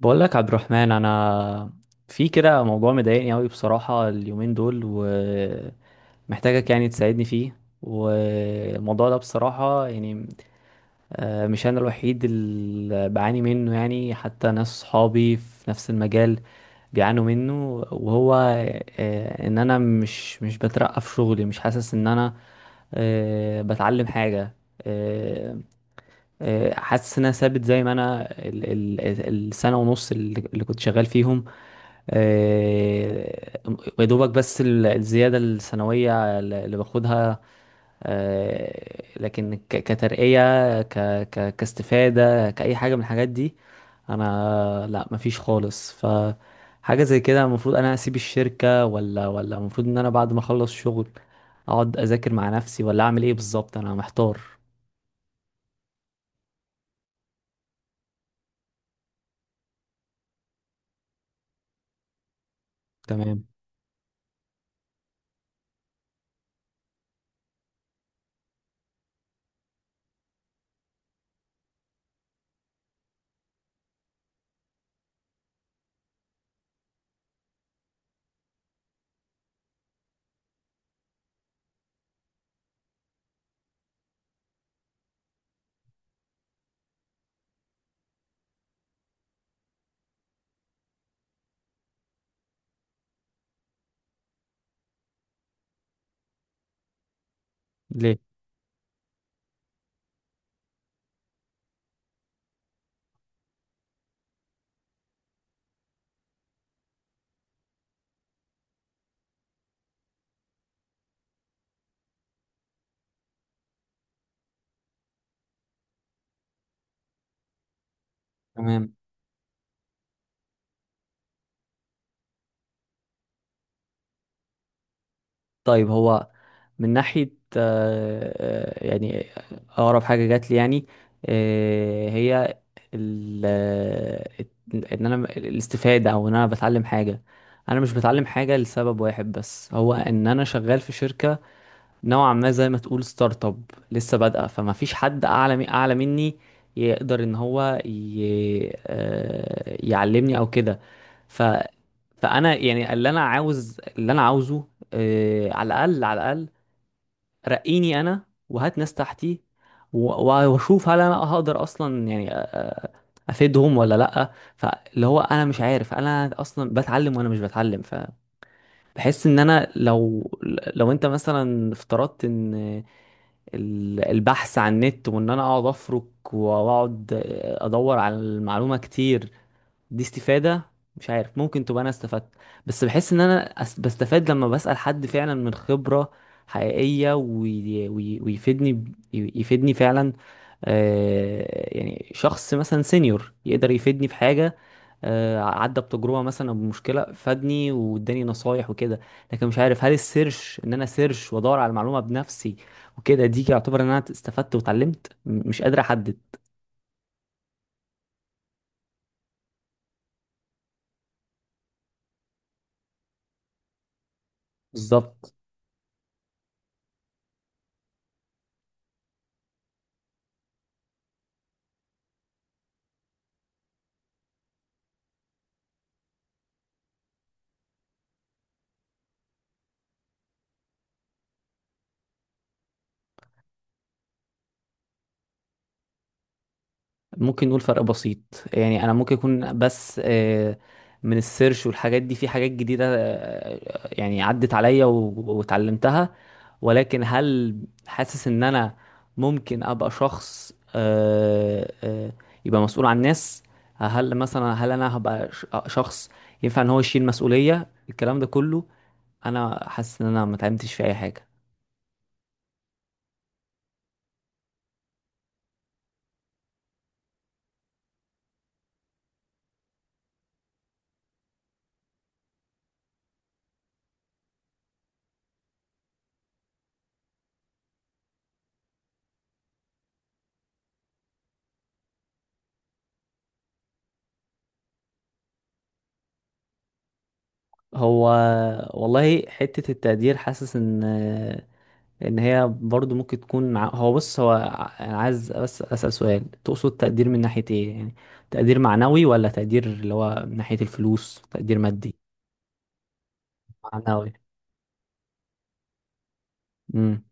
بقول لك عبد الرحمن، انا في كده موضوع مضايقني قوي بصراحة اليومين دول، ومحتاجك يعني تساعدني فيه. والموضوع ده بصراحة يعني مش انا الوحيد اللي بعاني منه يعني، حتى ناس صحابي في نفس المجال بيعانوا منه. وهو ان انا مش بترقى في شغلي، مش حاسس ان انا بتعلم حاجة. آه، حاسس ان انا ثابت زي ما انا. السنه ونص اللي كنت شغال فيهم، آه، يا دوبك بس الزياده السنويه اللي باخدها، لكن ك- كترقيه ك ك كاستفاده كاي حاجه من الحاجات دي، انا لا، مفيش خالص. ف حاجه زي كده، المفروض انا اسيب الشركه ولا المفروض ان انا بعد ما اخلص شغل اقعد اذاكر مع نفسي؟ ولا اعمل ايه بالظبط؟ انا محتار. تمام. ليه؟ تمام. طيب هو من ناحية يعني أقرب حاجة جات لي يعني هي ال آه، إن أنا الاستفادة أو إن أنا بتعلم حاجة. أنا مش بتعلم حاجة لسبب واحد بس، هو إن أنا شغال في شركة نوعا ما زي ما تقول ستارت اب، لسه بادئه. فما فيش حد اعلى اعلى مني يقدر ان هو ي... آه، يعلمني او كده. ف فانا يعني اللي انا عاوزه على الاقل على الاقل رقيني انا وهات ناس تحتي، واشوف هل انا هقدر اصلا يعني افيدهم ولا لا. فاللي هو انا مش عارف انا اصلا بتعلم وانا مش بتعلم. ف بحس ان انا لو، لو انت مثلا افترضت ان البحث عن النت وان انا اقعد افرك واقعد ادور على المعلومة كتير، دي استفادة؟ مش عارف، ممكن تبقى انا استفدت، بس بحس ان انا بستفاد لما بسأل حد فعلا من خبرة حقيقية ويفيدني يفيدني فعلا. آه يعني شخص مثلا سينيور يقدر يفيدني في حاجة، آه عدى بتجربة مثلا أو بمشكلة، فادني واداني نصايح وكده. لكن مش عارف هل السيرش، ان انا سيرش وادور على المعلومة بنفسي وكده، دي يعتبر ان انا استفدت واتعلمت؟ مش قادر احدد بالظبط. ممكن نقول فرق بسيط، يعني انا ممكن يكون بس من السيرش والحاجات دي، في حاجات جديدة يعني عدت عليا واتعلمتها. ولكن هل حاسس ان انا ممكن ابقى شخص يبقى مسؤول عن الناس؟ هل انا هبقى شخص ينفع ان هو يشيل مسؤولية الكلام ده كله؟ انا حاسس ان انا ما اتعلمتش في اي حاجة. هو والله حتة التقدير، حاسس ان، لان هي برضو ممكن تكون ع- هو بص هو ع- انا عايز بس اسال سؤال: تقصد تقدير من ناحيه ايه يعني؟ تقدير معنوي ولا تقدير اللي هو من ناحيه الفلوس، تقدير مادي؟ معنوي. امم.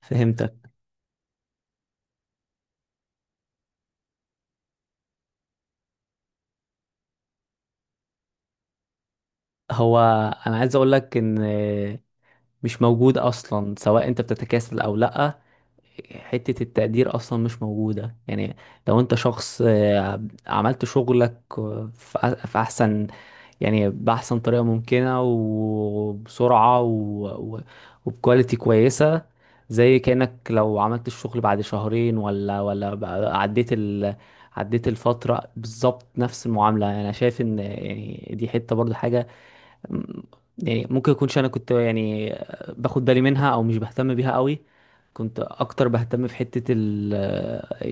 فهمتك. هو انا عايز اقول لك ان مش موجود اصلا، سواء انت بتتكاسل او لا. حته التقدير اصلا مش موجوده يعني. لو انت شخص عملت شغلك في في احسن، يعني بأحسن طريقة ممكنة وبسرعة و... وبكواليتي كويسة، زي كأنك لو عملت الشغل بعد شهرين ولا عديت عديت الفترة، بالظبط نفس المعاملة. أنا شايف إن يعني دي حتة برضو حاجة م- يعني ممكن يكونش أنا كنت يعني باخد بالي منها أو مش بهتم بيها قوي. كنت أكتر بهتم في حتة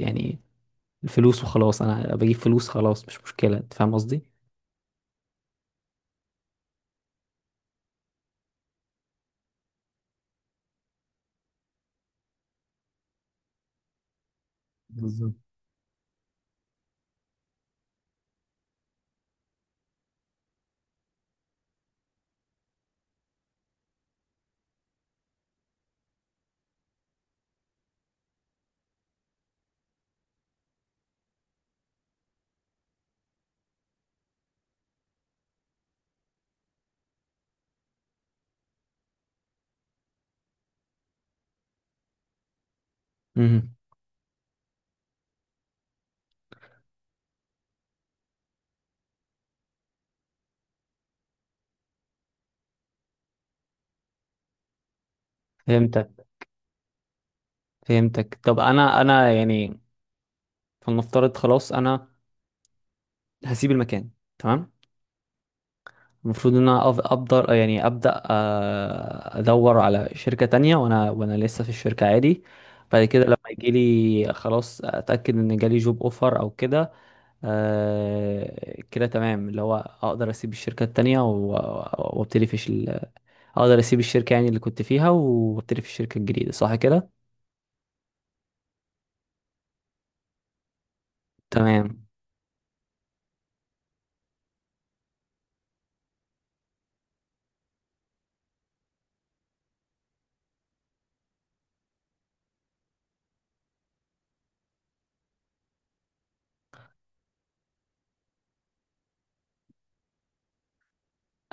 يعني الفلوس وخلاص، أنا بجيب فلوس خلاص، مش مشكلة. أنت فاهم قصدي؟ بالظبط. امم. فهمتك. فهمتك. طب انا يعني فلنفترض خلاص انا هسيب المكان. تمام. المفروض ان انا أف- ابدر يعني ابدا ادور على شركة تانية، وانا لسه في الشركة عادي. بعد كده لما يجي لي خلاص، اتاكد ان جالي جوب اوفر او كده، كده تمام، اللي هو اقدر اسيب الشركة التانية وابتدي في اقدر اسيب الشركة يعني اللي كنت فيها وابتدي في الشركة الجديدة. صح كده؟ تمام.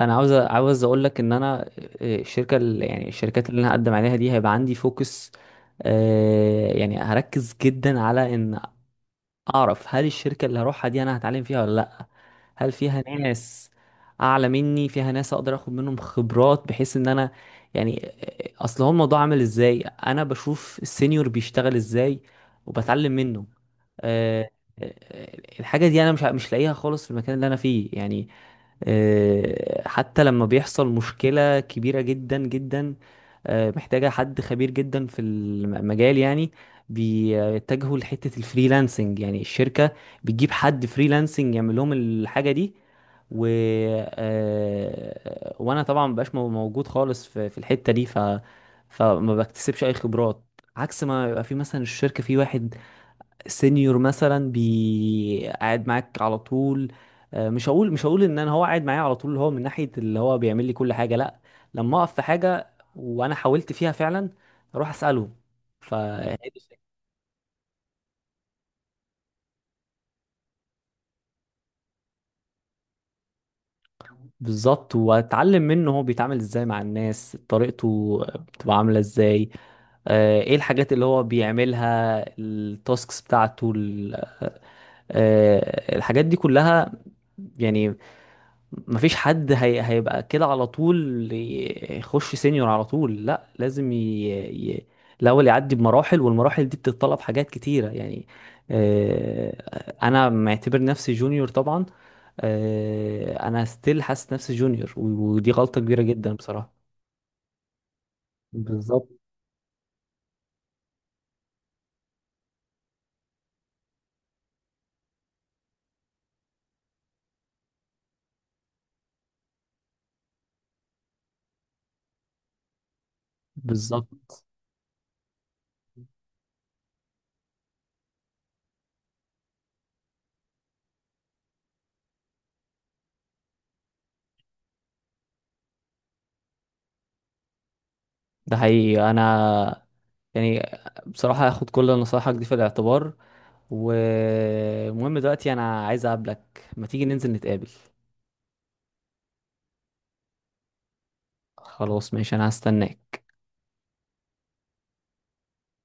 انا عاوز اقول لك ان انا الشركه اللي يعني الشركات اللي انا هقدم عليها دي، هيبقى عندي فوكس يعني هركز جدا على ان اعرف هل الشركه اللي هروحها دي انا هتعلم فيها ولا لا. هل فيها ناس اعلى مني، فيها ناس اقدر اخد منهم خبرات، بحيث ان انا يعني اصل هو الموضوع عامل ازاي، انا بشوف السينيور بيشتغل ازاي وبتعلم منه. آه، الحاجه دي انا مش لاقيها خالص في المكان اللي انا فيه يعني. حتى لما بيحصل مشكلة كبيرة جدا جدا، محتاجة حد خبير جدا في المجال يعني، بيتجهوا لحتة الفريلانسنج. يعني الشركة بتجيب حد فريلانسنج يعمل لهم الحاجة دي، و آه، وانا طبعا مبقاش موجود خالص في الحتة دي. ف فما بكتسبش اي خبرات. عكس ما يبقى في مثلا الشركة في واحد سينيور مثلا بي قاعد معاك على طول، مش هقول ان انا هو قاعد معايا على طول، اللي هو من ناحيه اللي هو بيعمل لي كل حاجه، لا. لما اقف في حاجه وانا حاولت فيها فعلا، اروح اساله. ف مم. بالظبط، واتعلم منه هو بيتعامل ازاي مع الناس، طريقته بتبقى عامله ازاي، ايه الحاجات اللي هو بيعملها، التاسكس بتاعته الحاجات دي كلها يعني. مفيش حد هيبقى كده على طول يخش سينيور على طول، لا، لازم ي... الاول يعدي بمراحل، والمراحل دي بتتطلب حاجات كتيره يعني. انا معتبر نفسي جونيور طبعا. انا ستيل حاسس نفسي جونيور، ودي غلطه كبيره جدا بصراحه. بالظبط، بالظبط. ده حقيقي، انا يعني بصراحه هاخد كل نصايحك دي في الاعتبار. والمهم دلوقتي انا عايز اقابلك، ما تيجي ننزل نتقابل. خلاص ماشي، انا هستناك.